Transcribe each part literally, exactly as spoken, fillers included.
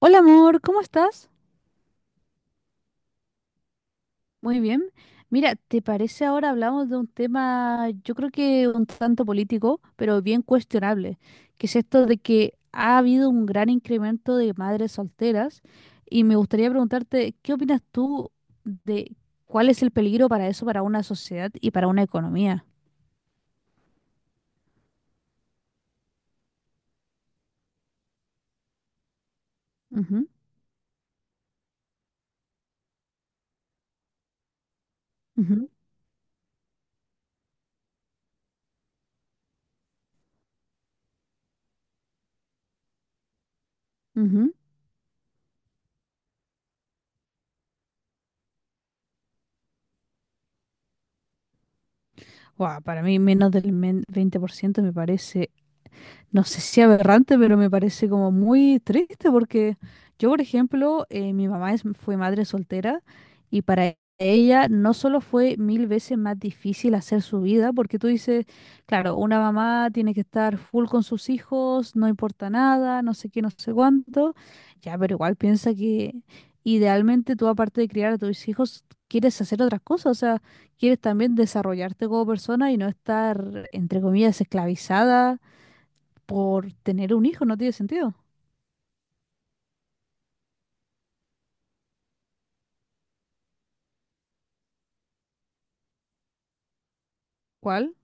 Hola amor, ¿cómo estás? Muy bien. Mira, ¿te parece ahora hablamos de un tema, yo creo que un tanto político, pero bien cuestionable, que es esto de que ha habido un gran incremento de madres solteras y me gustaría preguntarte, ¿qué opinas tú de cuál es el peligro para eso, para una sociedad y para una economía? Ujú, ujú, ujú. Guau, para mí menos del men- veinte por ciento me parece no sé si aberrante, pero me parece como muy triste porque yo, por ejemplo, eh, mi mamá es- fue madre soltera y para ella no solo fue mil veces más difícil hacer su vida, porque tú dices, claro, una mamá tiene que estar full con sus hijos, no importa nada, no sé qué, no sé cuánto, ya, pero igual piensa que idealmente tú, aparte de criar a tus hijos, quieres hacer otras cosas, o sea, quieres también desarrollarte como persona y no estar, entre comillas, esclavizada por tener un hijo, no tiene sentido. ¿Cuál?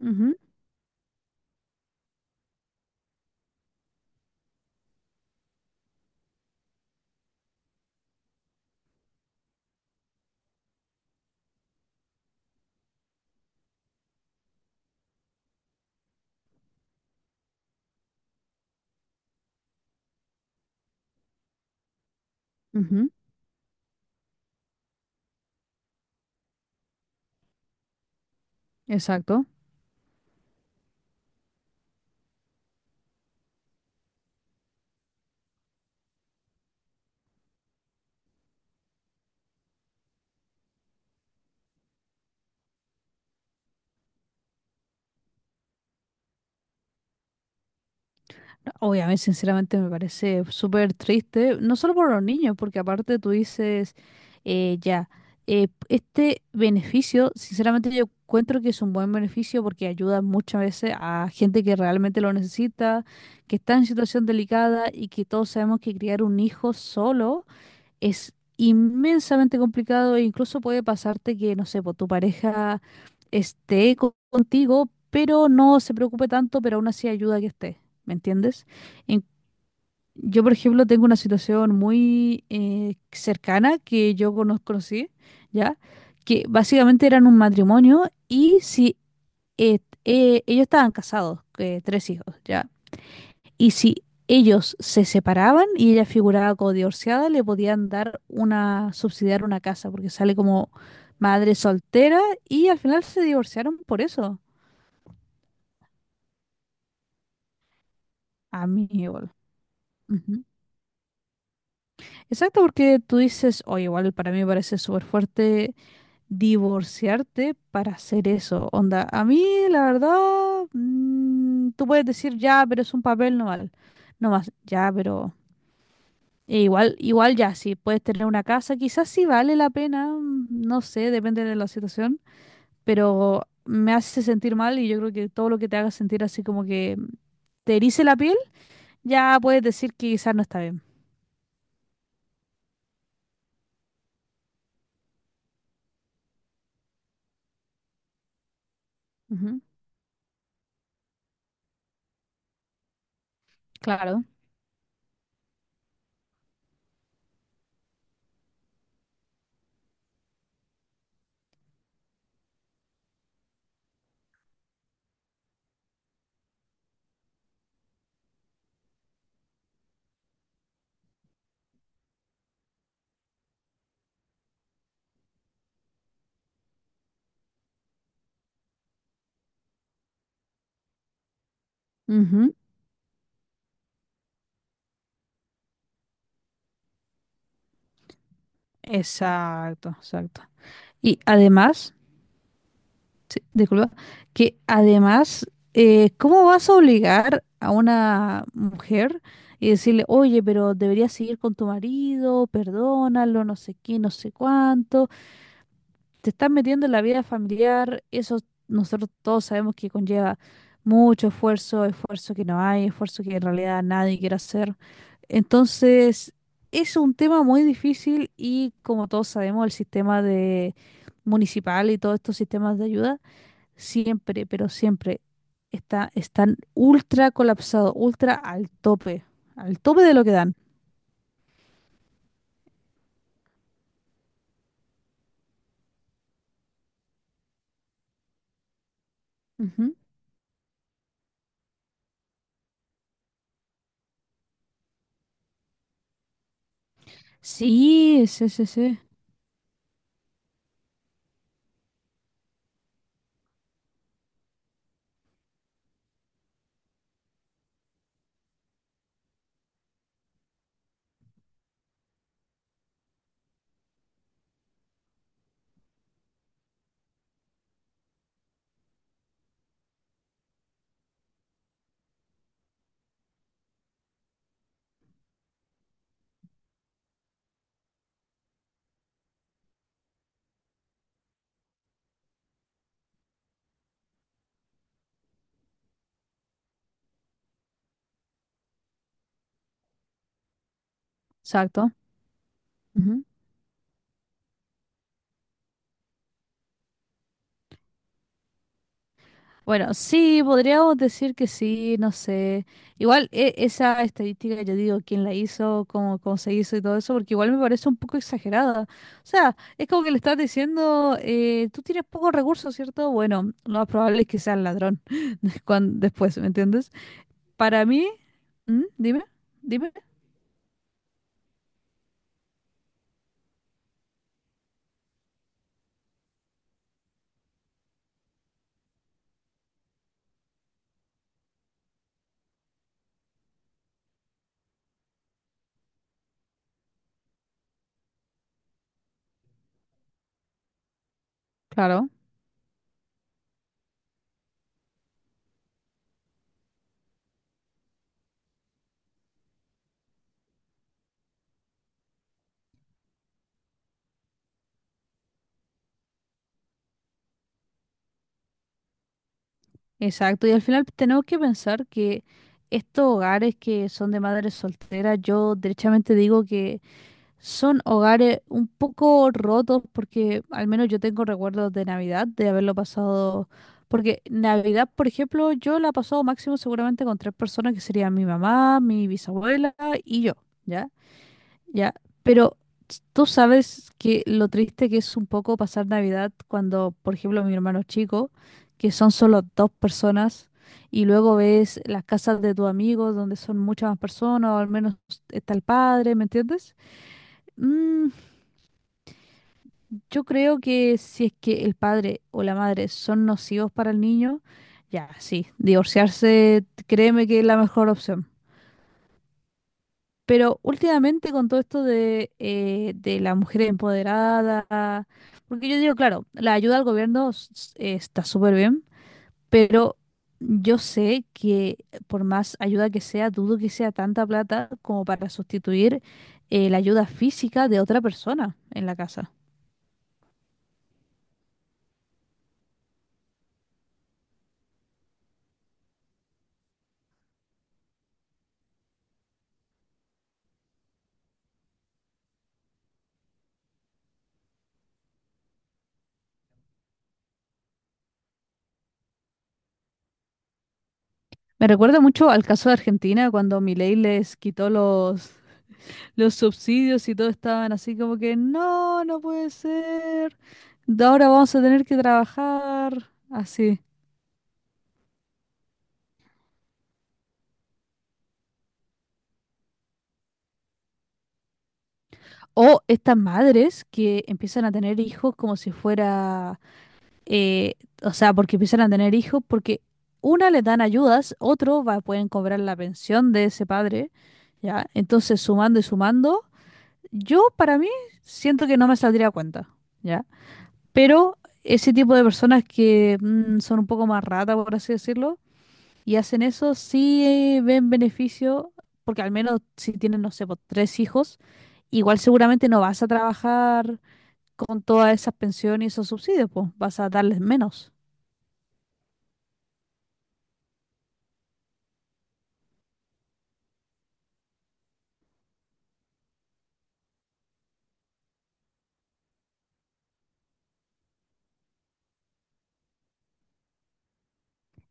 Ujú, ujú, exacto. Obviamente, sinceramente, me parece súper triste, no solo por los niños, porque aparte tú dices, eh, ya, eh, este beneficio, sinceramente yo encuentro que es un buen beneficio porque ayuda muchas veces a gente que realmente lo necesita, que está en situación delicada y que todos sabemos que criar un hijo solo es inmensamente complicado e incluso puede pasarte que, no sé, po, tu pareja esté co- contigo, pero no se preocupe tanto, pero aún así ayuda a que esté, ¿me entiendes? En- yo, por ejemplo, tengo una situación muy eh, cercana que yo cono- conocí, ¿ya? Que básicamente eran un matrimonio y si eh, eh, ellos estaban casados, eh, tres hijos, ¿ya? Y si ellos se separaban y ella figuraba como divorciada, le podían dar una, subsidiar una casa, porque sale como madre soltera y al final se divorciaron por eso. A mí igual. Ujú. Exacto, porque tú dices, oye, igual para mí me parece súper fuerte divorciarte para hacer eso. Onda, a mí la verdad, mm, tú puedes decir, ya, pero es un papel no mal. No más, ya, pero E igual, igual ya, si puedes tener una casa, quizás sí vale la pena, mm, no sé, depende de la situación, pero me hace sentir mal y yo creo que todo lo que te haga sentir así como que te erice la piel, ya puedes decir que quizás no está bien. Ujú, claro. Ujú, exacto, exacto. Y además, sí, disculpa. Que además, eh, ¿cómo vas a obligar a una mujer y decirle, oye, pero deberías seguir con tu marido, perdónalo, no sé qué, no sé cuánto? Te estás metiendo en la vida familiar, eso nosotros todos sabemos que conlleva mucho esfuerzo, esfuerzo que no hay, esfuerzo que en realidad nadie quiere hacer. Entonces, es un tema muy difícil y como todos sabemos, el sistema de municipal y todos estos sistemas de ayuda siempre, pero siempre está, están ultra colapsados, ultra al tope, al tope de lo que dan. Ujú. Sí, sí, sí, sí, exacto. Ujú. Bueno, sí, podríamos decir que sí, no sé. Igual e- esa estadística, yo digo, quién la hizo, cómo, cómo se hizo y todo eso, porque igual me parece un poco exagerada. O sea, es como que le estás diciendo, eh, tú tienes pocos recursos, ¿cierto? Bueno, lo más probable es que sea el ladrón cuan- después, ¿me entiendes? Para mí, ¿mm? Dime, dime. Claro, exacto. Y al final tenemos que pensar que estos hogares que son de madres solteras, yo derechamente digo que son hogares un poco rotos porque al menos yo tengo recuerdos de Navidad, de haberlo pasado. Porque Navidad, por ejemplo, yo la he pasado máximo seguramente con tres personas que serían mi mamá, mi bisabuela y yo, ¿ya? Ya, pero tú sabes que lo triste que es un poco pasar Navidad cuando, por ejemplo, mi hermano chico, que son solo dos personas, y luego ves las casas de tus amigos donde son muchas más personas, o al menos está el padre, ¿me entiendes? Mm. Yo creo que si es que el padre o la madre son nocivos para el niño, ya, sí, divorciarse, créeme que es la mejor opción. Pero últimamente con todo esto de, eh, de la mujer empoderada, porque yo digo, claro, la ayuda al gobierno s- s- eh, está súper bien, pero yo sé que por más ayuda que sea, dudo que sea tanta plata como para sustituir eh, la ayuda física de otra persona en la casa. Me recuerda mucho al caso de Argentina cuando Milei les quitó los, los subsidios y todo estaban así como que no, no puede ser. De Ahora vamos a tener que trabajar así. O estas madres que empiezan a tener hijos como si fuera, eh, o sea, porque empiezan a tener hijos porque una le dan ayudas, otro va, pueden cobrar la pensión de ese padre, ¿ya? Entonces, sumando y sumando, yo para mí siento que no me saldría a cuenta, ¿ya? Pero ese tipo de personas que mm, son un poco más ratas, por así decirlo, y hacen eso, sí eh, ven beneficio, porque al menos si tienen, no sé, po, tres hijos, igual seguramente no vas a trabajar con todas esas pensiones y esos subsidios, pues vas a darles menos.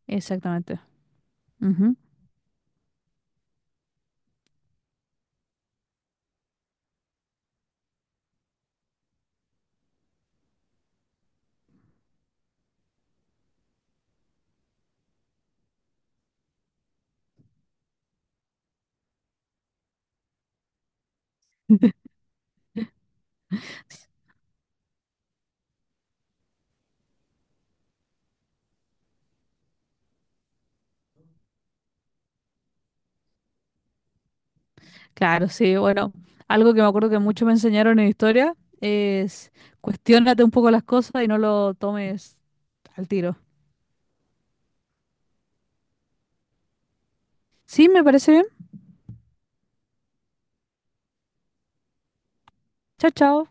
Exactamente. Ujú. Claro, sí, bueno, algo que me acuerdo que mucho me enseñaron en historia es cuestiónate un poco las cosas y no lo tomes al tiro. Sí, me parece bien. Chao, chao.